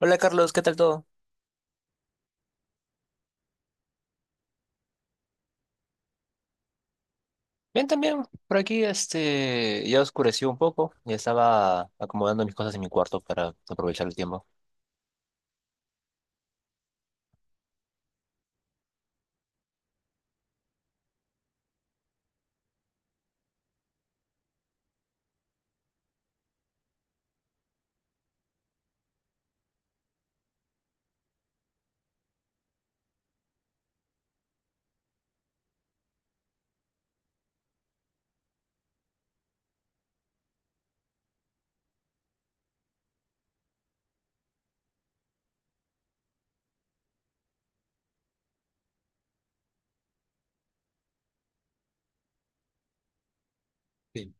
Hola Carlos, ¿qué tal todo? Bien, también. Por aquí ya oscureció un poco y estaba acomodando mis cosas en mi cuarto para aprovechar el tiempo. Sí.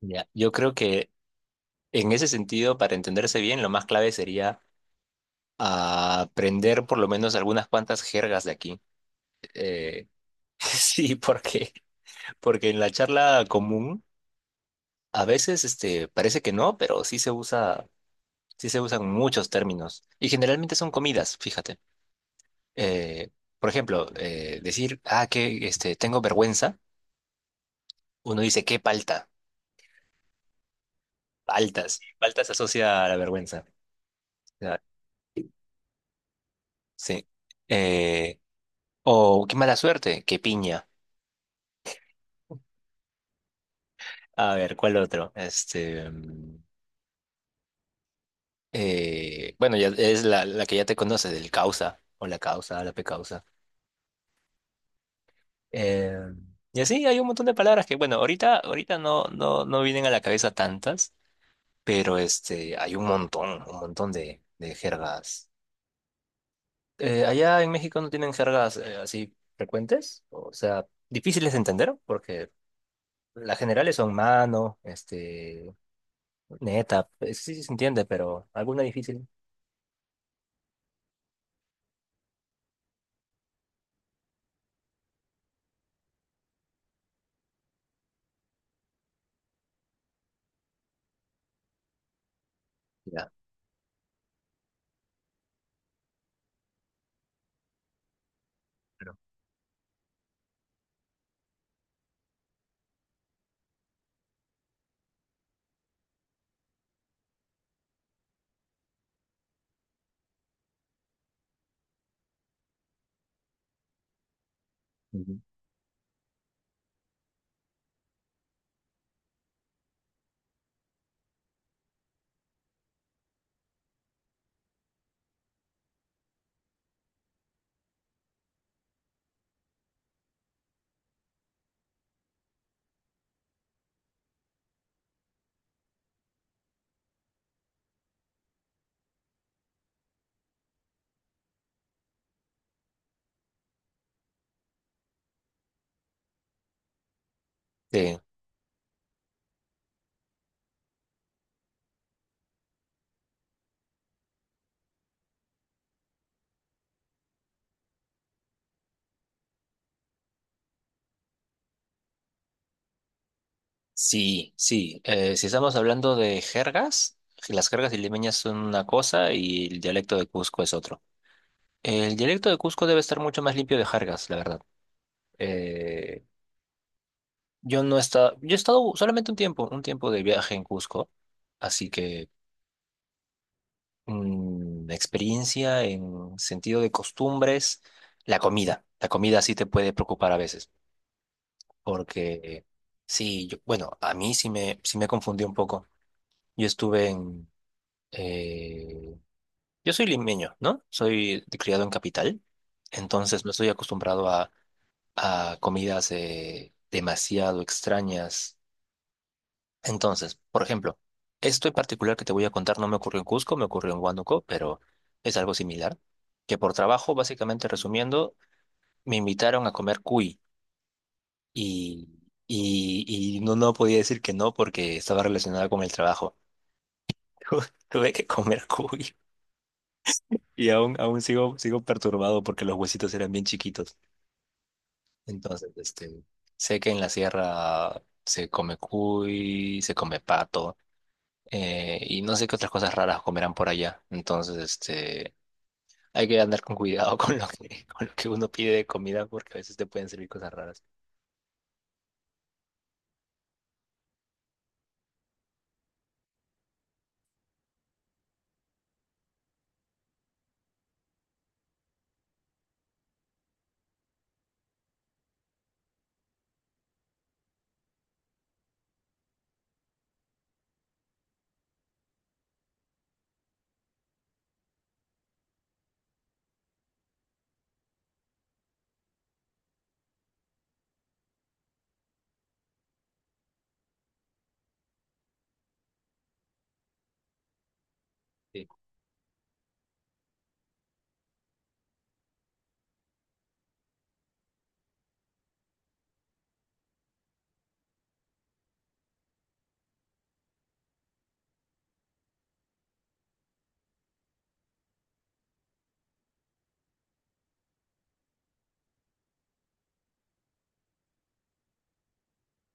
Ya. Yo creo que en ese sentido, para entenderse bien, lo más clave sería aprender por lo menos algunas cuantas jergas de aquí. Eh, sí, porque en la charla común a veces parece que no, pero sí se usan muchos términos y generalmente son comidas, fíjate. eh, por ejemplo, decir, ah, que tengo vergüenza, uno dice, qué palta, paltas se asocia a la vergüenza. Ah, sí. Eh, o qué mala suerte, qué piña. A ver, ¿cuál otro? Este, mm, bueno, ya es la que ya te conoces, el causa, o la causa, la pecausa. Eh, y así hay un montón de palabras que, bueno, ahorita no vienen a la cabeza tantas, pero hay un montón de jergas allá en México no tienen jergas así frecuentes, o sea, difíciles de entender, porque las generales son mano, este, neta, pues, sí, sí se entiende, pero alguna difícil. Ya, pero- Ujú. Sí, sí, sí. Si estamos hablando de jergas, las jergas limeñas son una cosa y el dialecto de Cusco es otro. El dialecto de Cusco debe estar mucho más limpio de jergas, la verdad. Eh, yo no he estado, yo he estado solamente un tiempo de viaje en Cusco, así que mm, experiencia en sentido de costumbres, la comida. La comida sí te puede preocupar a veces, porque sí, yo, bueno, a mí sí me confundí un poco. Yo estuve en... eh, yo soy limeño, ¿no? Soy de- criado en capital, entonces no estoy acostumbrado a comidas demasiado extrañas. Entonces, por ejemplo, esto en particular que te voy a contar no me ocurrió en Cusco, me ocurrió en Huánuco, pero es algo similar. Que por trabajo, básicamente resumiendo, me invitaron a comer cuy y, y no, no podía decir que no porque estaba relacionada con el trabajo. Tuve que comer cuy y aún, aún sigo, sigo perturbado porque los huesitos eran bien chiquitos. Entonces, este, sé que en la sierra se come cuy, se come pato. Y no sé qué otras cosas raras comerán por allá. Entonces, este, hay que andar con cuidado con lo que, con lo que uno pide de comida porque a veces te pueden servir cosas raras. Sí.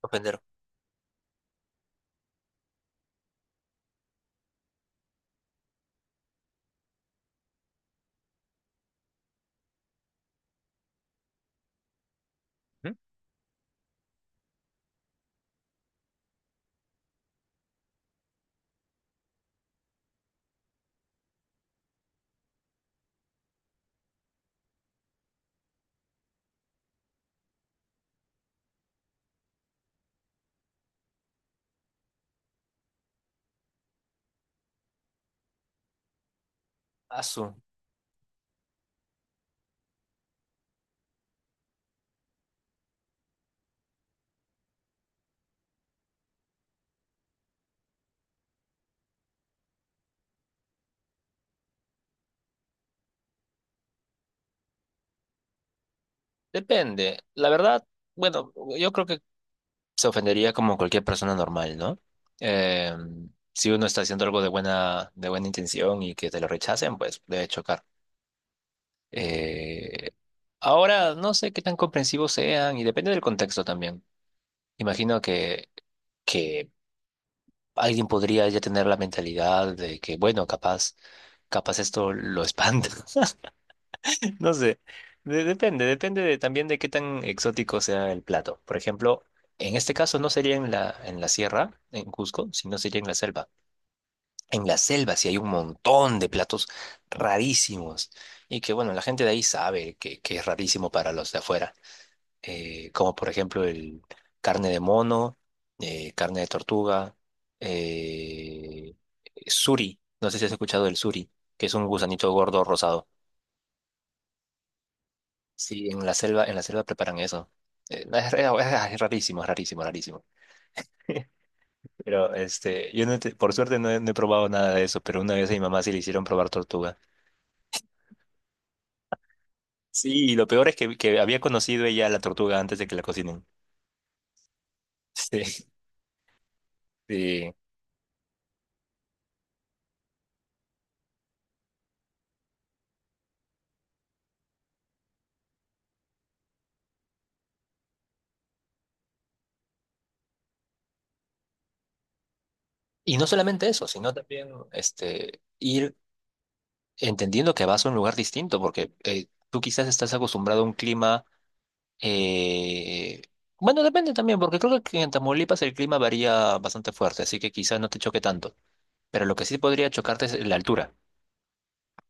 Ofender. ¿Mm? Asu. Depende. La verdad, bueno, yo creo que se ofendería como cualquier persona normal, ¿no? Eh, si uno está haciendo algo de buena intención y que te lo rechacen, pues debe chocar. Eh, Ahora, no sé qué tan comprensivos sean y depende del contexto también. Imagino que alguien podría ya tener la mentalidad de que, bueno, capaz esto lo espanta. No sé. De- depende, depende de- también de qué tan exótico sea el plato. Por ejemplo, en este caso no sería en en la sierra, en Cusco, sino sería en la selva. En la selva sí hay un montón de platos rarísimos. Y que, bueno, la gente de ahí sabe que es rarísimo para los de afuera como por ejemplo el carne de mono, carne de tortuga, eh, suri, no sé si has escuchado del suri, que es un gusanito gordo rosado. Sí, en la selva preparan eso. No, es- ah, Es rarísimo, es rarísimo, rarísimo. Pero este, yo no te- por suerte no he, no he probado nada de eso, pero una vez a mi mamá sí le hicieron probar tortuga. Sí, y lo peor es que había conocido ella la tortuga antes de que la cocinen. Sí, sí. Y no solamente eso, sino también este, ir entendiendo que vas a un lugar distinto, porque tú quizás estás acostumbrado a un clima, eh, bueno, depende también, porque creo que en Tamaulipas el clima varía bastante fuerte, así que quizás no te choque tanto, pero lo que sí podría chocarte es la altura,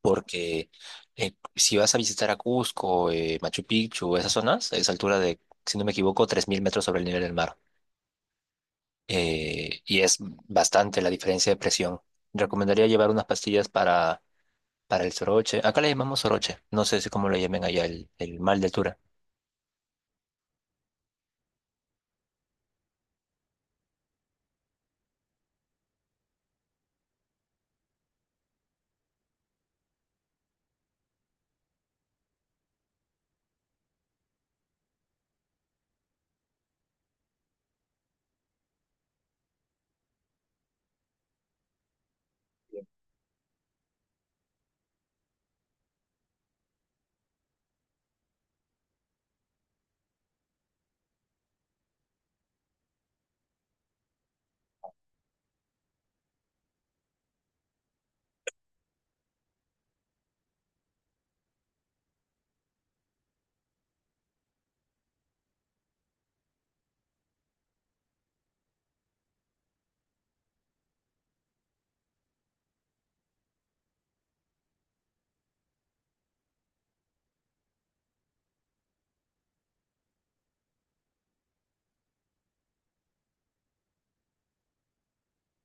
porque si vas a visitar a Cusco, Machu Picchu, esas zonas, es altura de, si no me equivoco, 3000 metros sobre el nivel del mar, y es bastante la diferencia de presión. Recomendaría llevar unas pastillas para el soroche. Acá le llamamos soroche. No sé si cómo lo llamen allá, el mal de altura.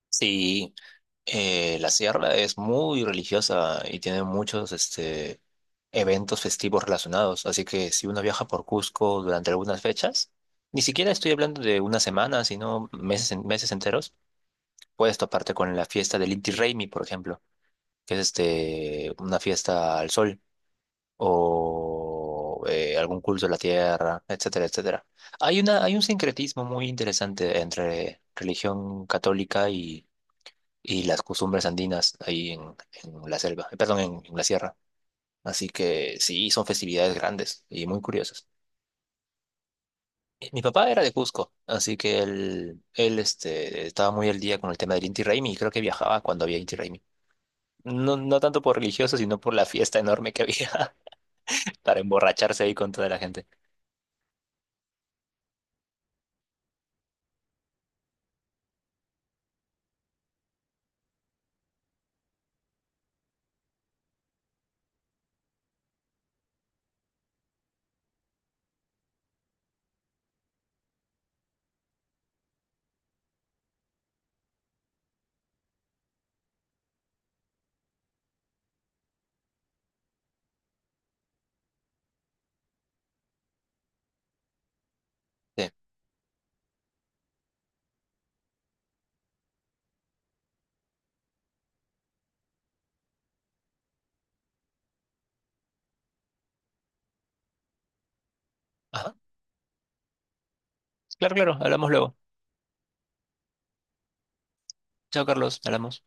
Sí, la sierra es muy religiosa y tiene muchos eventos festivos relacionados. Así que si uno viaja por Cusco durante algunas fechas, ni siquiera estoy hablando de una semana, sino meses, en- meses enteros, puedes toparte con la fiesta del Inti Raymi, por ejemplo, que es una fiesta al sol. O algún culto de la tierra, etcétera, etcétera. Hay un sincretismo muy interesante entre religión católica y las costumbres andinas ahí en la selva, perdón, en la sierra. Así que sí, son festividades grandes y muy curiosas. Mi papá era de Cusco, así que él este, estaba muy al día con el tema del Inti Raymi y creo que viajaba cuando había Inti Raymi. No, no tanto por religioso, sino por la fiesta enorme que había para emborracharse ahí con toda la gente. Sí. Ajá. Claro, claro, hablamos luego. Chao, Carlos, hablamos.